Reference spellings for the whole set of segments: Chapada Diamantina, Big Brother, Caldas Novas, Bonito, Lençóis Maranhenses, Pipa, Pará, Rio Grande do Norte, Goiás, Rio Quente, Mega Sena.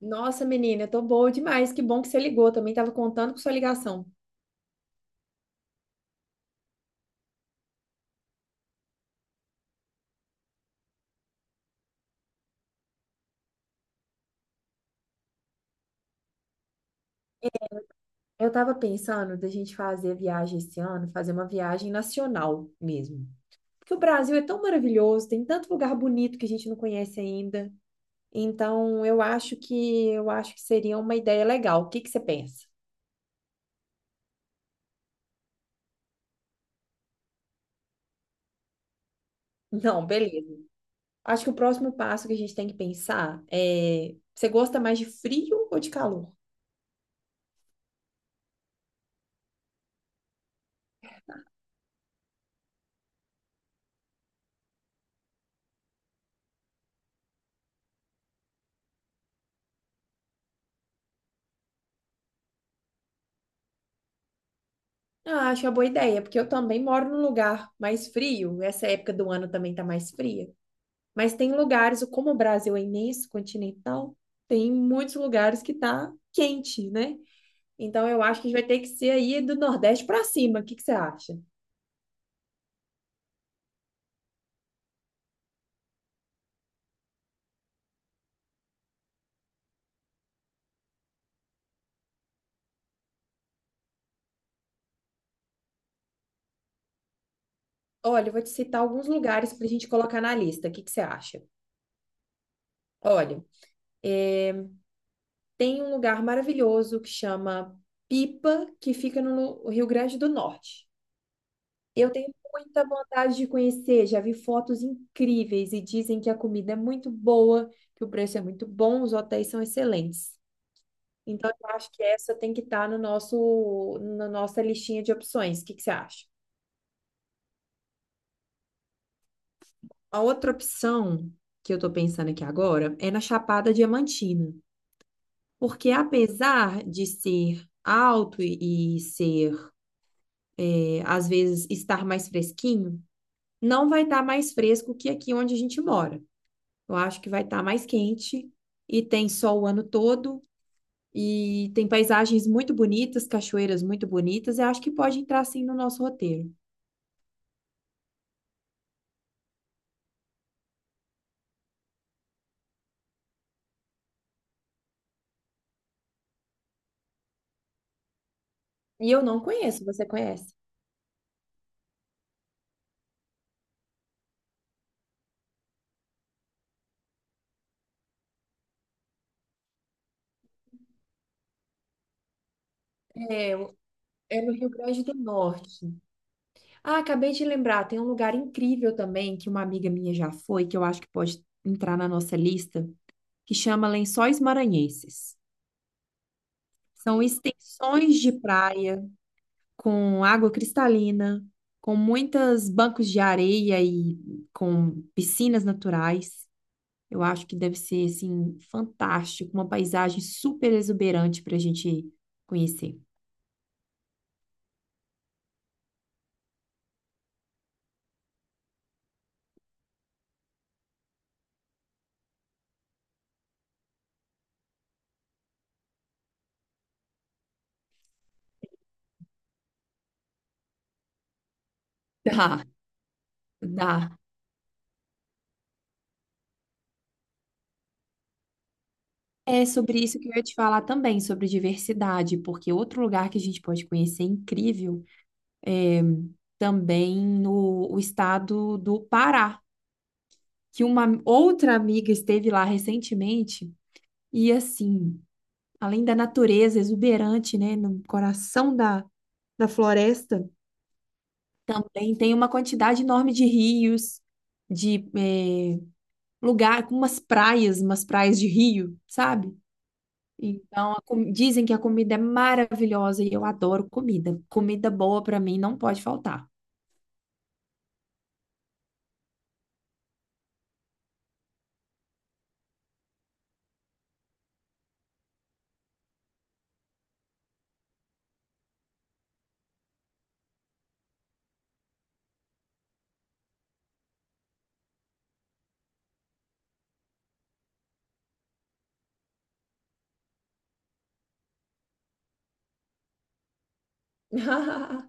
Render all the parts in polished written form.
Nossa, menina, eu tô boa demais. Que bom que você ligou. Também tava contando com sua ligação. Eu tava pensando da gente fazer a viagem esse ano, fazer uma viagem nacional mesmo. Porque o Brasil é tão maravilhoso, tem tanto lugar bonito que a gente não conhece ainda. Então, eu acho que seria uma ideia legal. O que que você pensa? Não, beleza. Acho que o próximo passo que a gente tem que pensar é, você gosta mais de frio ou de calor? Ah, acho uma boa ideia, porque eu também moro num lugar mais frio. Essa época do ano também tá mais fria. Mas tem lugares, como o Brasil é imenso, continental, tem muitos lugares que tá quente, né? Então eu acho que a gente vai ter que ser aí do Nordeste para cima. O que que você acha? Olha, eu vou te citar alguns lugares para a gente colocar na lista. O que que você acha? Olha, é, tem um lugar maravilhoso que chama Pipa, que fica no Rio Grande do Norte. Eu tenho muita vontade de conhecer, já vi fotos incríveis e dizem que a comida é muito boa, que o preço é muito bom, os hotéis são excelentes. Então, eu acho que essa tem que estar no nosso, na nossa listinha de opções. O que que você acha? A outra opção que eu estou pensando aqui agora é na Chapada Diamantina, porque apesar de ser alto e ser, às vezes, estar mais fresquinho, não vai estar mais fresco que aqui onde a gente mora. Eu acho que vai estar mais quente e tem sol o ano todo e tem paisagens muito bonitas, cachoeiras muito bonitas, eu acho que pode entrar sim no nosso roteiro. E eu não conheço, você conhece? É, é, no Rio Grande do Norte. Ah, acabei de lembrar, tem um lugar incrível também que uma amiga minha já foi, que eu acho que pode entrar na nossa lista, que chama Lençóis Maranhenses. São extensões de praia com água cristalina, com muitos bancos de areia e com piscinas naturais. Eu acho que deve ser assim fantástico, uma paisagem super exuberante para a gente conhecer. Dá, dá. É sobre isso que eu ia te falar também, sobre diversidade, porque outro lugar que a gente pode conhecer incrível é também no o estado do Pará, que uma outra amiga esteve lá recentemente e assim, além da natureza exuberante, né, no coração da floresta, também tem uma quantidade enorme de rios, de lugar com umas praias de rio, sabe? Então, dizem que a comida é maravilhosa e eu adoro comida. Comida boa para mim não pode faltar.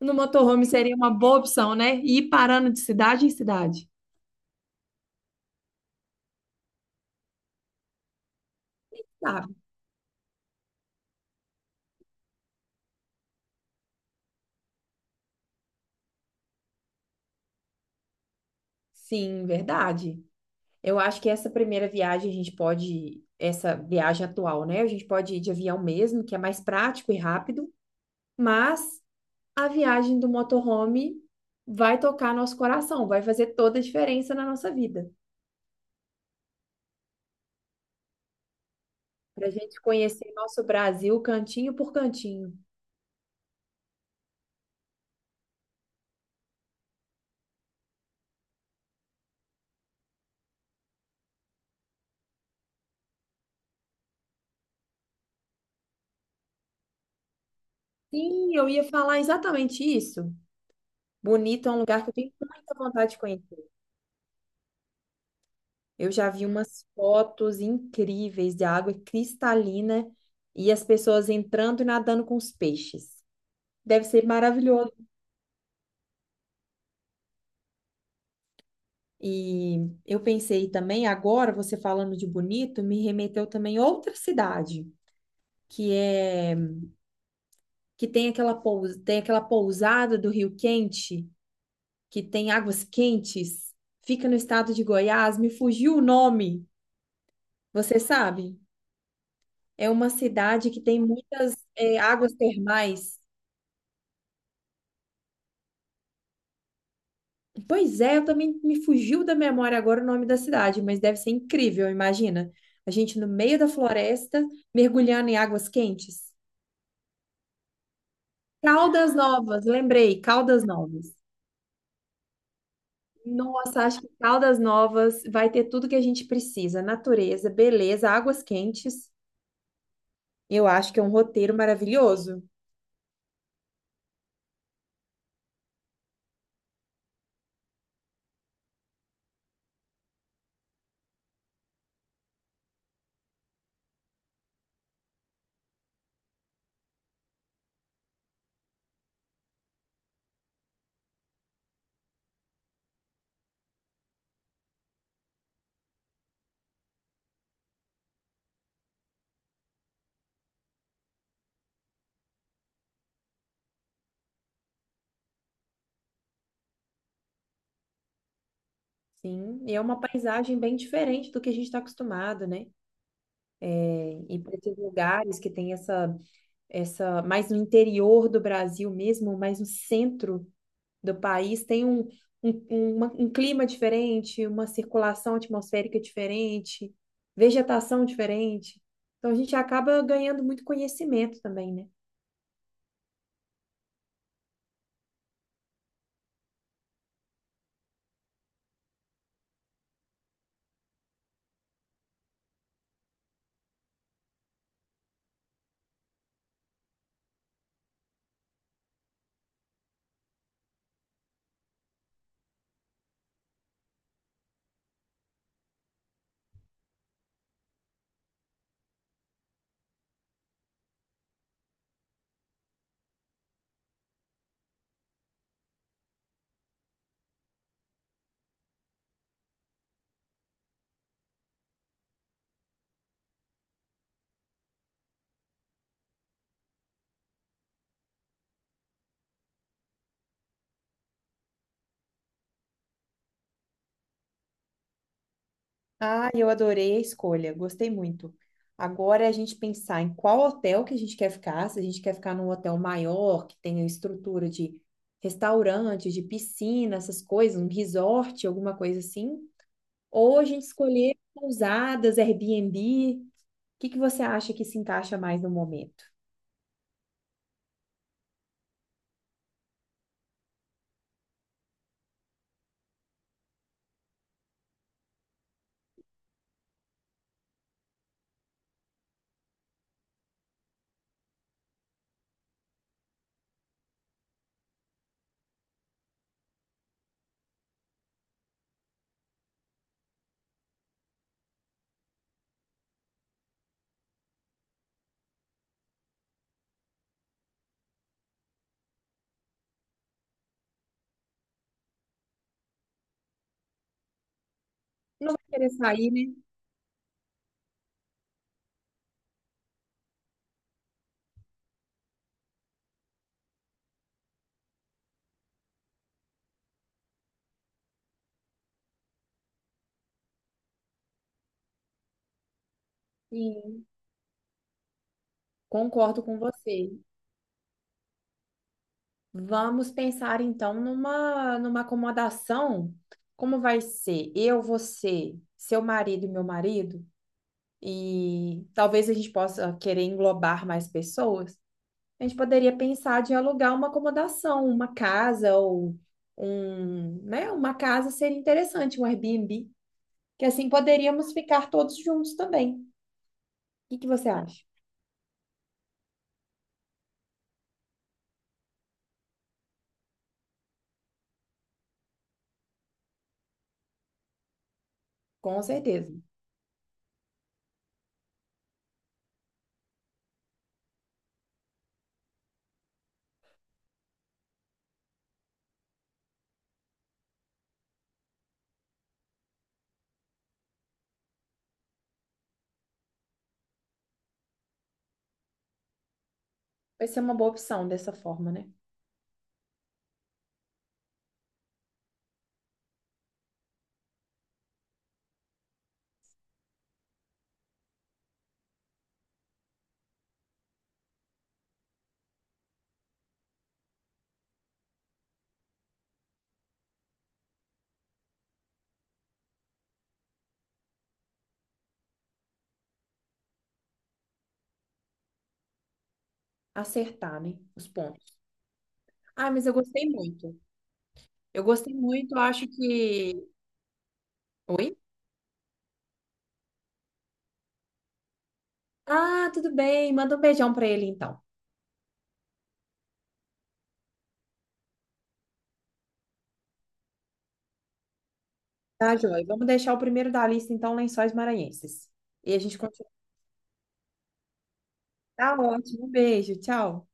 No motorhome seria uma boa opção, né? Ir parando de cidade em cidade. Sabe? Sim, verdade. Eu acho que essa primeira viagem a gente pode, essa viagem atual, né? A gente pode ir de avião mesmo, que é mais prático e rápido, mas a viagem do motorhome vai tocar nosso coração, vai fazer toda a diferença na nossa vida. Para a gente conhecer nosso Brasil cantinho por cantinho. Sim, eu ia falar exatamente isso. Bonito é um lugar que eu tenho muita vontade de conhecer. Eu já vi umas fotos incríveis de água cristalina e as pessoas entrando e nadando com os peixes. Deve ser maravilhoso. E eu pensei também, agora você falando de Bonito, me remeteu também a outra cidade, que é que tem aquela, tem aquela pousada do Rio Quente, que tem águas quentes, fica no estado de Goiás, me fugiu o nome, você sabe? É uma cidade que tem muitas águas termais. Pois é, eu também me fugiu da memória agora o nome da cidade, mas deve ser incrível, imagina. A gente no meio da floresta, mergulhando em águas quentes. Caldas Novas, lembrei, Caldas Novas. Nossa, acho que Caldas Novas vai ter tudo que a gente precisa: natureza, beleza, águas quentes. Eu acho que é um roteiro maravilhoso. Sim, e é uma paisagem bem diferente do que a gente está acostumado, né? E para esses lugares que tem mais no interior do Brasil mesmo, mais no centro do país, tem um clima diferente, uma circulação atmosférica diferente, vegetação diferente. Então a gente acaba ganhando muito conhecimento também, né? Ah, eu adorei a escolha, gostei muito. Agora é a gente pensar em qual hotel que a gente quer ficar, se a gente quer ficar num hotel maior, que tenha estrutura de restaurante, de piscina, essas coisas, um resort, alguma coisa assim, ou a gente escolher pousadas, Airbnb. O que que você acha que se encaixa mais no momento? Não vai querer sair, né? Sim, concordo com você. Vamos pensar então numa acomodação. Como vai ser? Eu, você, seu marido e meu marido, e talvez a gente possa querer englobar mais pessoas. A gente poderia pensar de alugar uma acomodação, uma casa ou um, né? Uma casa seria interessante, um Airbnb, que assim poderíamos ficar todos juntos também. O que que você acha? Com certeza. Vai ser uma boa opção dessa forma, né? Acertar, né? Os pontos. Ah, mas eu gostei muito. Eu gostei muito, acho que. Oi? Ah, tudo bem. Manda um beijão pra ele então. Tá, Joy? Vamos deixar o primeiro da lista, então, Lençóis Maranhenses. E a gente continua. Tá ótimo. Um beijo, tchau.